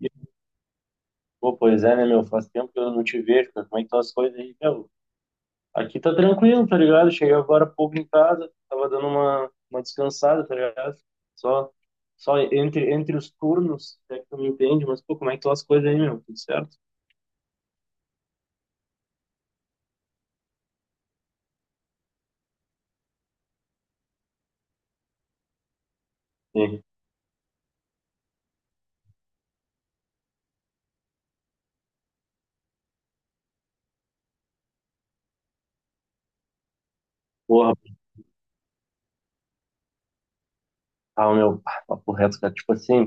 E, Pô, pois é, né, meu? Faz tempo que eu não te vejo, cara. Como é que estão as coisas aí, meu? Aqui tá tranquilo, tá ligado? Cheguei agora há pouco em casa, tava dando uma descansada, tá ligado? Só, só entre os turnos, é que tu me entende, mas, pô, como é que estão as coisas aí, meu? Tudo certo? E, Porra, ah, meu, pá, papo reto, cara. Tipo assim,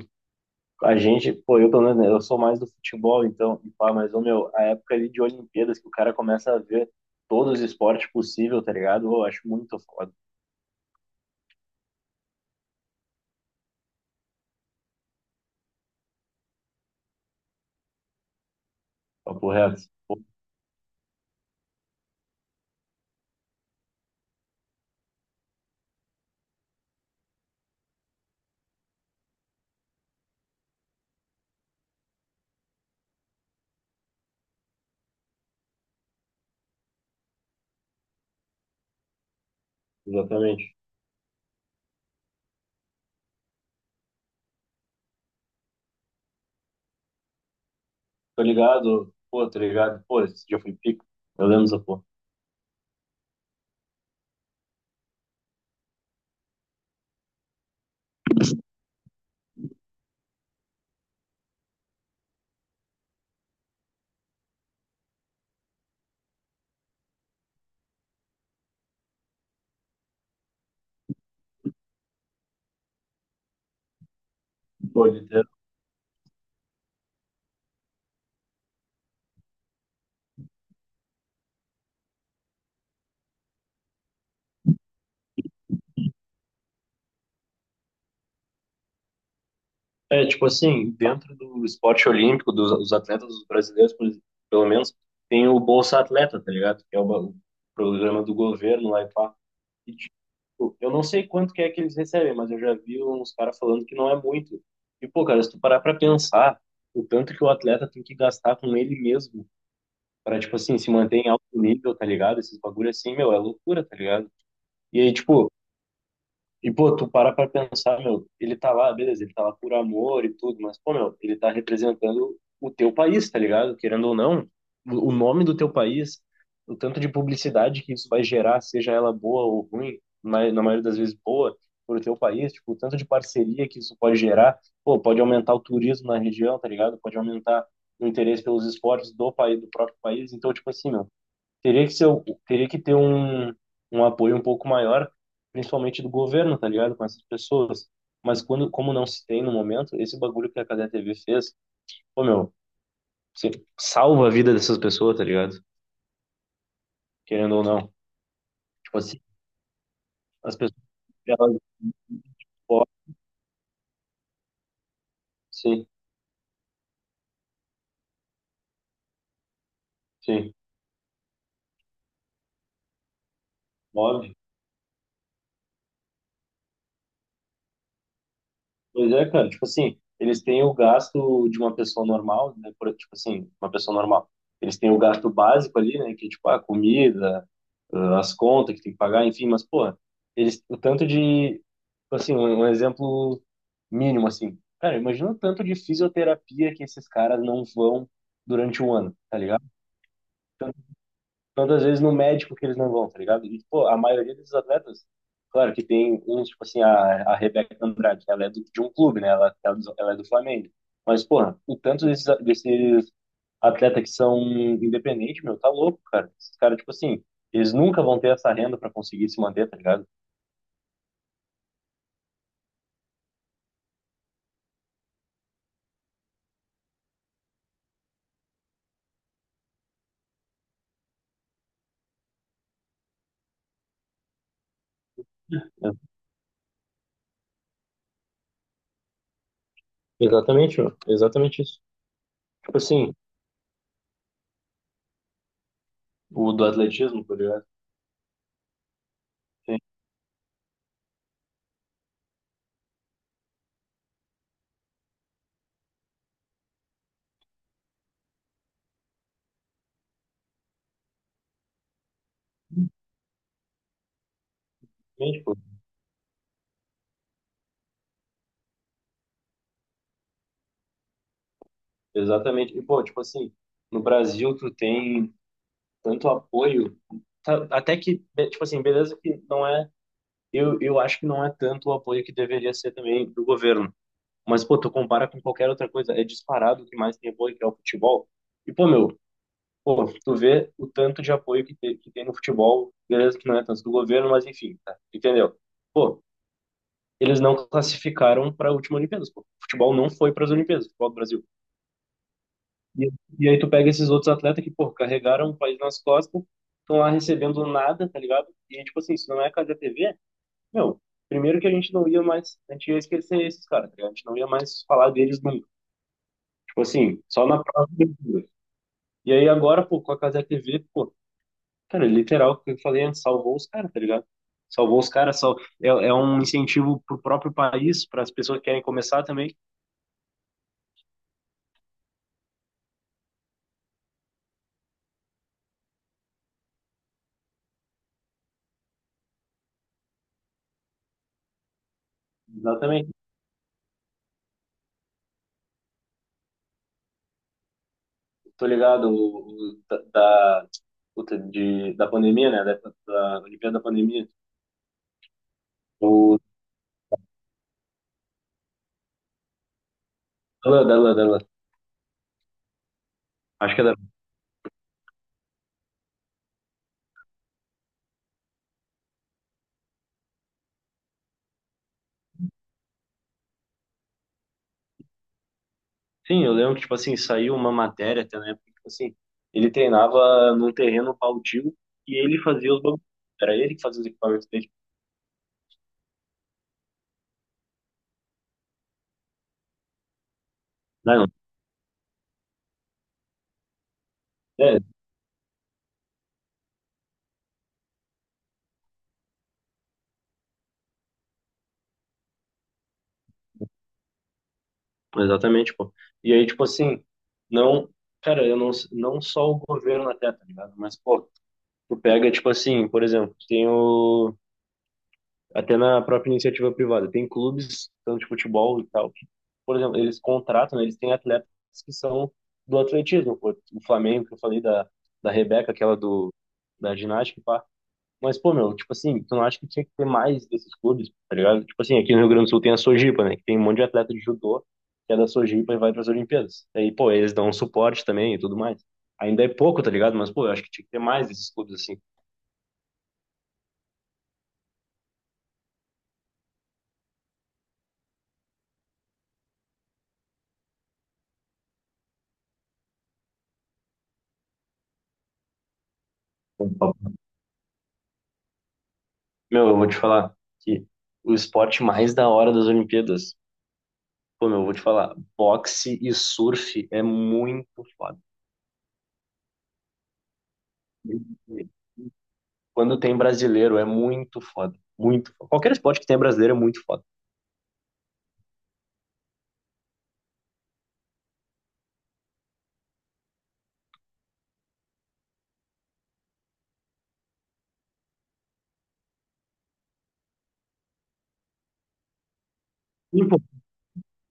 a gente, pô, eu pelo menos, né, eu sou mais do futebol, então, e pá, mas, ô, meu, a época ali de Olimpíadas que o cara começa a ver todos os esportes possíveis, tá ligado? Eu acho muito foda, papo reto. Exatamente. Tô ligado, pô, esse dia foi pico. Eu lembro dessa porra. Pô, literal. É, tipo assim, dentro do esporte olímpico, dos os atletas brasileiros, pelo menos, tem o Bolsa Atleta, tá ligado? Que é o programa do governo lá e pá. E, tipo, eu não sei quanto que é que eles recebem, mas eu já vi uns caras falando que não é muito. E, pô, cara, se tu parar pra pensar, o tanto que o atleta tem que gastar com ele mesmo pra, tipo assim, se manter em alto nível, tá ligado? Esses bagulho assim, meu, é loucura, tá ligado? E aí, tipo, E, pô, tu para pra pensar, meu, ele tá lá, beleza, ele tá lá por amor e tudo, mas, pô, meu, ele tá representando o teu país, tá ligado? Querendo ou não, o nome do teu país, o tanto de publicidade que isso vai gerar, seja ela boa ou ruim, mas na maioria das vezes boa, pro teu país, tipo, o tanto de parceria que isso pode gerar, pô, pode aumentar o turismo na região, tá ligado? Pode aumentar o interesse pelos esportes do país, do próprio país. Então, tipo assim, meu, teria que ter um apoio um pouco maior, principalmente do governo, tá ligado? Com essas pessoas. Mas quando, como não se tem no momento, esse bagulho que a Cadê TV fez, pô, meu, você salva a vida dessas pessoas, tá ligado? Querendo ou não. Tipo assim, as pessoas, elas, sim, sim, óbvio. Pois é, cara, tipo assim, eles têm o gasto de uma pessoa normal, né, por, tipo assim, uma pessoa normal. Eles têm o gasto básico ali, né, que é, tipo, a comida, ah, as contas que tem que pagar, enfim, mas, porra, eles, o tanto de, tipo assim, um exemplo mínimo, assim, cara, imagina o tanto de fisioterapia que esses caras não vão durante o ano, tá ligado? Todas as vezes no médico que eles não vão, tá ligado? E, pô, a maioria desses atletas, claro que tem uns, tipo assim, a Rebeca Andrade, ela é do, de um clube, né? Ela é do Flamengo. Mas, porra, o tanto desses atletas que são independentes, meu, tá louco, cara. Esses caras, tipo assim, eles nunca vão ter essa renda pra conseguir se manter, tá ligado? É, exatamente, meu. Exatamente isso. Tipo assim, o do atletismo, tá ligado? Tem- Exatamente, pô. Exatamente. E, pô, tipo assim, no Brasil tu tem tanto apoio, até que, tipo assim, beleza que não é, eu acho que não é tanto o apoio que deveria ser também do governo, mas, pô, tu compara com qualquer outra coisa, é disparado o que mais tem apoio, que é o futebol, e, pô, meu, pô, tu vê o tanto de apoio que tem, no futebol, beleza que não é tanto do governo, mas enfim, tá, entendeu? Pô, eles não classificaram para a última Olimpíadas, pô, o futebol não foi para as Olimpíadas, o futebol do Brasil. E, e aí tu pega esses outros atletas que, pô, carregaram o país nas costas, estão lá recebendo nada, tá ligado? E, tipo assim, se não é a Casa TV, meu, primeiro que a gente não ia mais, a gente ia esquecer esses caras, tá ligado? A gente não ia mais falar deles nunca. Tipo assim, só na próxima. E aí agora, pô, com a Casa TV, pô, cara, literal, o que eu falei antes, salvou os caras, tá ligado? Salvou os caras, é um incentivo pro próprio país, para as pessoas que querem começar também. Exatamente. Tô ligado, o da, puta, de, da pandemia, né? Da Olimpíada da pandemia. O, dela, Acho que é da. Sim, eu lembro que, tipo assim, saiu uma matéria até na época, que, tipo assim, ele treinava num terreno baldio e ele fazia os bagulhos. Era ele que fazia os equipamentos dele. Não, é, exatamente, pô. E aí, tipo assim, não. Cara, eu não, não só o governo até, tá ligado? Mas, pô, tu pega, tipo assim, por exemplo, tem o. Até na própria iniciativa privada. Tem clubes, tanto de futebol e tal, que, por exemplo, eles contratam, né, eles têm atletas que são do atletismo. Pô. O Flamengo, que eu falei da Rebeca, aquela do, da ginástica, e pá. Mas, pô, meu, tipo assim, tu não acha que tinha que ter mais desses clubes, tá ligado? Tipo assim, aqui no Rio Grande do Sul tem a Sojipa, né? Que tem um monte de atleta de judô que é da Sojipa e vai para as Olimpíadas. Aí, pô, eles dão um suporte também e tudo mais. Ainda é pouco, tá ligado? Mas, pô, eu acho que tinha que ter mais desses clubes, assim. Meu, eu vou te falar que o esporte mais da hora das Olimpíadas, pô, meu, eu vou te falar, boxe e surf é muito foda. Quando tem brasileiro é muito foda, muito foda. Qualquer esporte que tem brasileiro é muito foda. E, pô,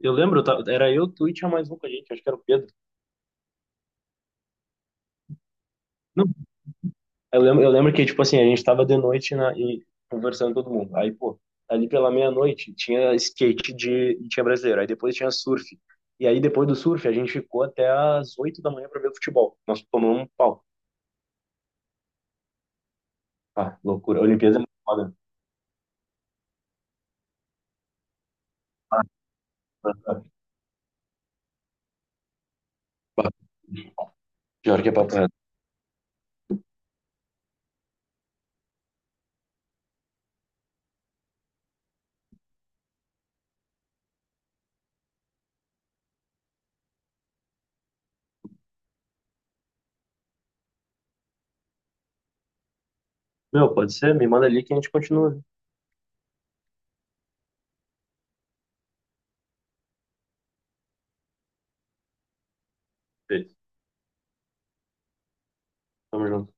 eu lembro, era eu, tu e tinha mais um com a gente, acho que era o Pedro. Eu lembro que, tipo assim, a gente tava de noite na, e conversando todo mundo. Aí, pô, ali pela meia-noite tinha skate de, e tinha brasileiro. Aí depois tinha surf. E aí depois do surf a gente ficou até às 8 da manhã pra ver o futebol. Nós tomamos um pau. Ah, loucura. A Olimpíada é muito foda. Ah, ah, ah. Pior que é papo reto. Meu, pode ser? Me manda ali que a gente continua. Beijo. Tamo junto.